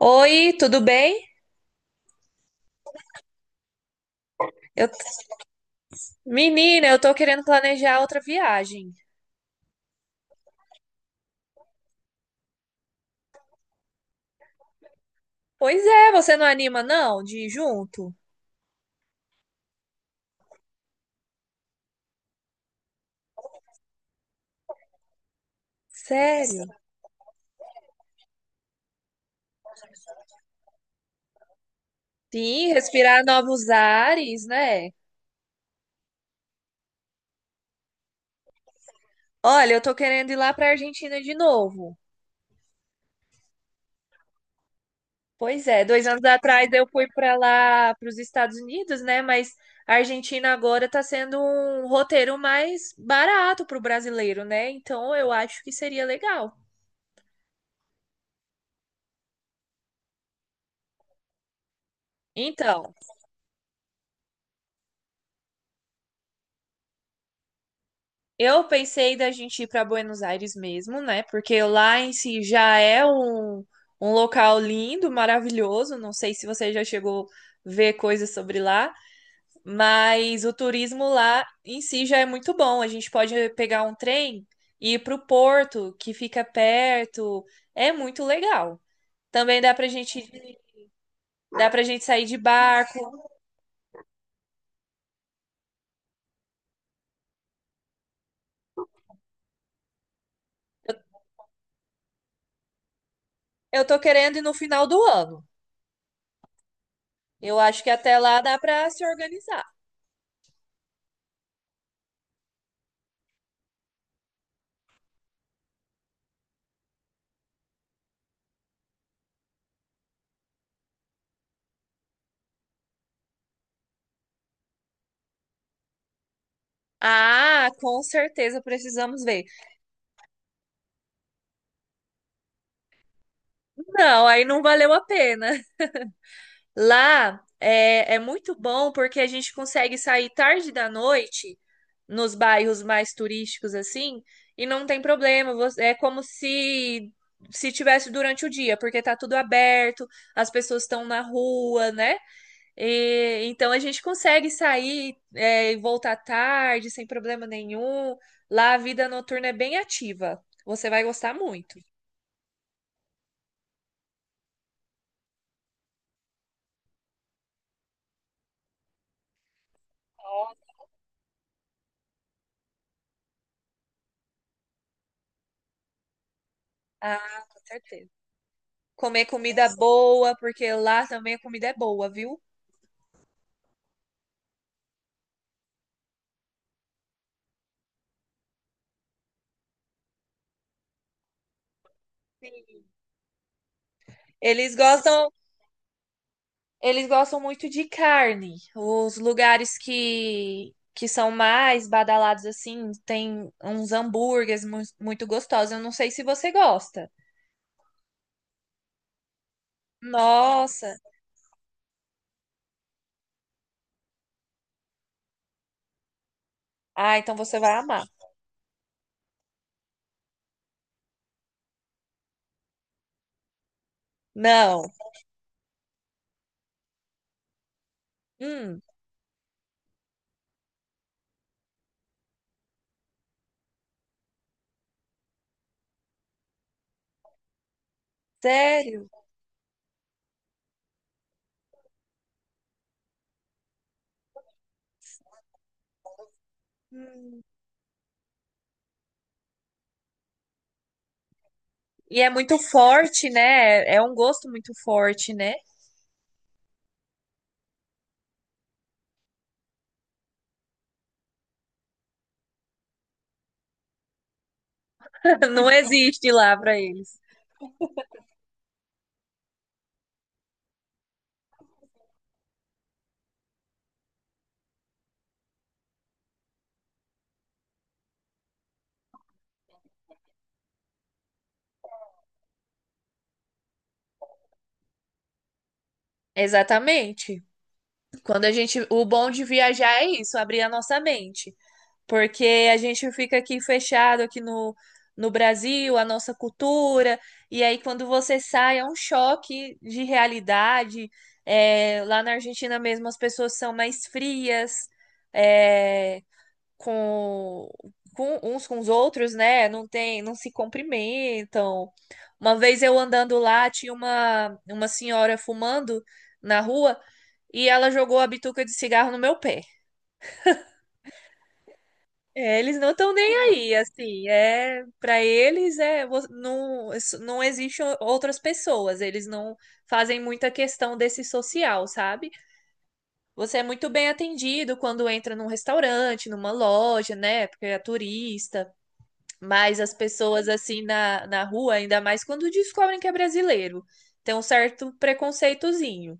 Oi, tudo bem? Eu- Menina, eu tô querendo planejar outra viagem. Pois é, você não anima não de ir junto? Sério? Sim, respirar novos ares, né? Olha, eu tô querendo ir lá pra Argentina de novo. Pois é, dois anos atrás eu fui pra lá, pros Estados Unidos, né? Mas a Argentina agora tá sendo um roteiro mais barato pro brasileiro, né? Então eu acho que seria legal. Então, eu pensei da gente ir para Buenos Aires mesmo, né? Porque lá em si já é um local lindo, maravilhoso. Não sei se você já chegou a ver coisas sobre lá, mas o turismo lá em si já é muito bom. A gente pode pegar um trem e ir para o porto, que fica perto. É muito legal. Também dá para gente sair de barco. Eu tô querendo ir no final do ano. Eu acho que até lá dá para se organizar. Ah, com certeza precisamos ver. Não, aí não valeu a pena. Lá é muito bom porque a gente consegue sair tarde da noite nos bairros mais turísticos assim e não tem problema. É como se se tivesse durante o dia, porque tá tudo aberto, as pessoas estão na rua, né? E então a gente consegue e voltar tarde sem problema nenhum. Lá a vida noturna é bem ativa. Você vai gostar muito. Ah, com certeza. Comer comida boa, porque lá também a comida é boa, viu? Sim. Eles gostam, eles gostam muito de carne. Os lugares que são mais badalados assim, tem uns hambúrgueres muito gostosos. Eu não sei se você gosta. Nossa. Ah, então você vai amar. Não. Hum, sério? Hum. E é muito forte, né? É um gosto muito forte, né? Não existe lá pra eles. Exatamente. Quando a gente, o bom de viajar é isso, abrir a nossa mente, porque a gente fica aqui fechado aqui no Brasil, a nossa cultura, e aí quando você sai é um choque de realidade. É, lá na Argentina mesmo as pessoas são mais frias, é, com, com uns com os outros, né? Não tem, não se cumprimentam. Uma vez eu andando lá, tinha uma senhora fumando na rua e ela jogou a bituca de cigarro no meu pé. É, eles não estão nem aí, assim, é, para eles é vo- não não existem outras pessoas, eles não fazem muita questão desse social, sabe? Você é muito bem atendido quando entra num restaurante, numa loja, né? Porque é turista, mas as pessoas assim na rua, ainda mais quando descobrem que é brasileiro, tem um certo preconceitozinho.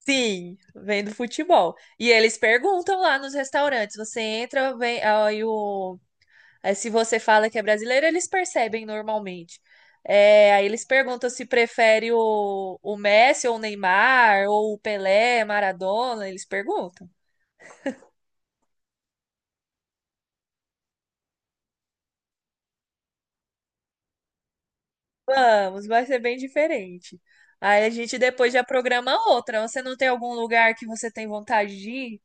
Sim, vem do futebol. E eles perguntam lá nos restaurantes. Você entra, vem. Aí se você fala que é brasileiro, eles percebem normalmente. É, aí eles perguntam se prefere o Messi ou o Neymar, ou o Pelé, Maradona. Eles perguntam. Vamos, vai ser bem diferente. Aí a gente depois já programa outra. Você não tem algum lugar que você tem vontade de ir?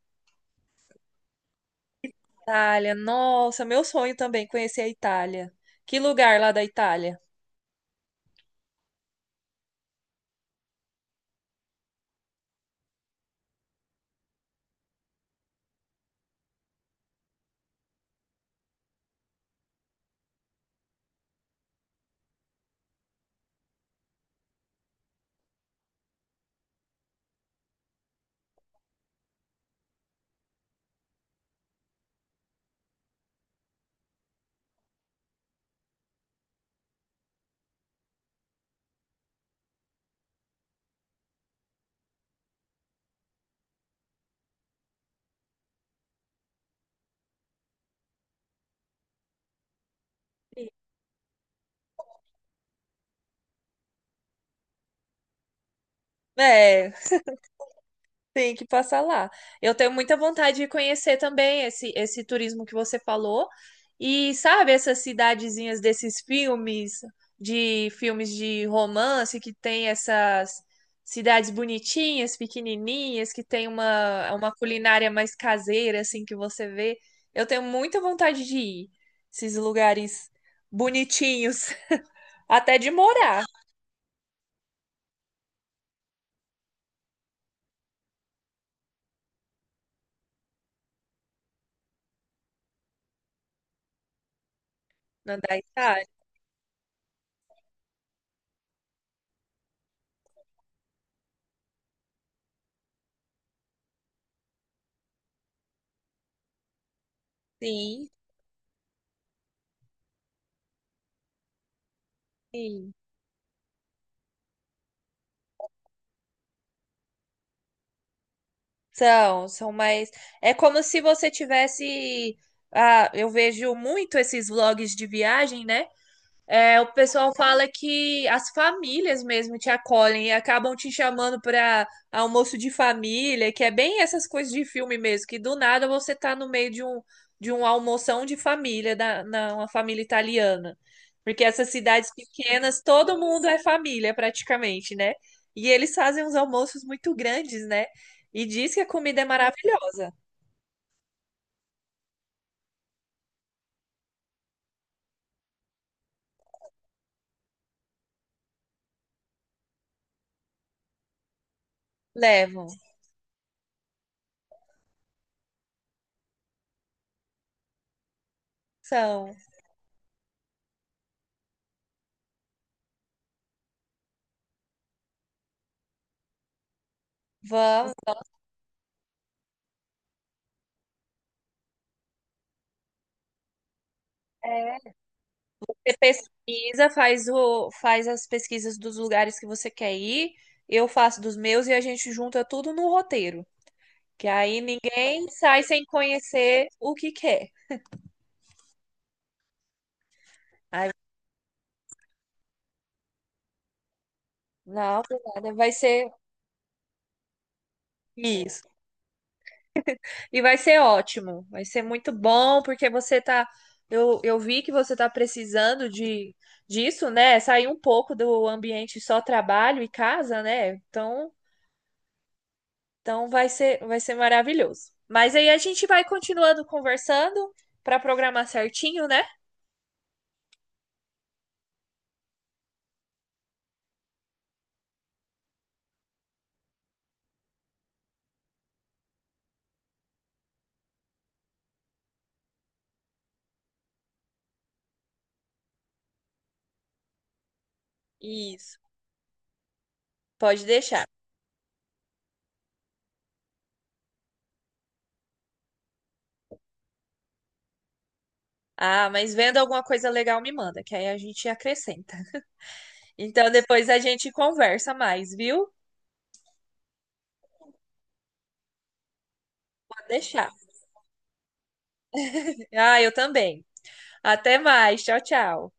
Itália, nossa, meu sonho também, conhecer a Itália. Que lugar lá da Itália? É, Tem que passar lá. Eu tenho muita vontade de conhecer também esse turismo que você falou. E sabe essas cidadezinhas desses filmes de romance, que tem essas cidades bonitinhas, pequenininhas, que tem uma culinária mais caseira, assim, que você vê. Eu tenho muita vontade de ir. Esses lugares bonitinhos. Até de morar na da Itália. Sim, sim. São mais. É como se você tivesse. Ah, eu vejo muito esses vlogs de viagem, né? É, o pessoal fala que as famílias mesmo te acolhem e acabam te chamando para almoço de família, que é bem essas coisas de filme mesmo, que do nada você tá no meio de de um almoção de família, uma família italiana. Porque essas cidades pequenas, todo mundo é família praticamente, né? E eles fazem uns almoços muito grandes, né? E diz que a comida é maravilhosa. Levam. São. Vamos. Você pesquisa, faz as pesquisas dos lugares que você quer ir, eu faço dos meus e a gente junta tudo no roteiro. Que aí ninguém sai sem conhecer o que quer. Aí, não, por nada, vai ser isso. E vai ser ótimo, vai ser muito bom, porque você tá. Eu vi que você tá precisando disso, né? Sair um pouco do ambiente só trabalho e casa, né? Então, então vai ser maravilhoso. Mas aí a gente vai continuando conversando para programar certinho, né? Isso, pode deixar. Ah, mas vendo alguma coisa legal, me manda, que aí a gente acrescenta. Então depois a gente conversa mais, viu? Pode deixar. Ah, eu também. Até mais. Tchau, tchau.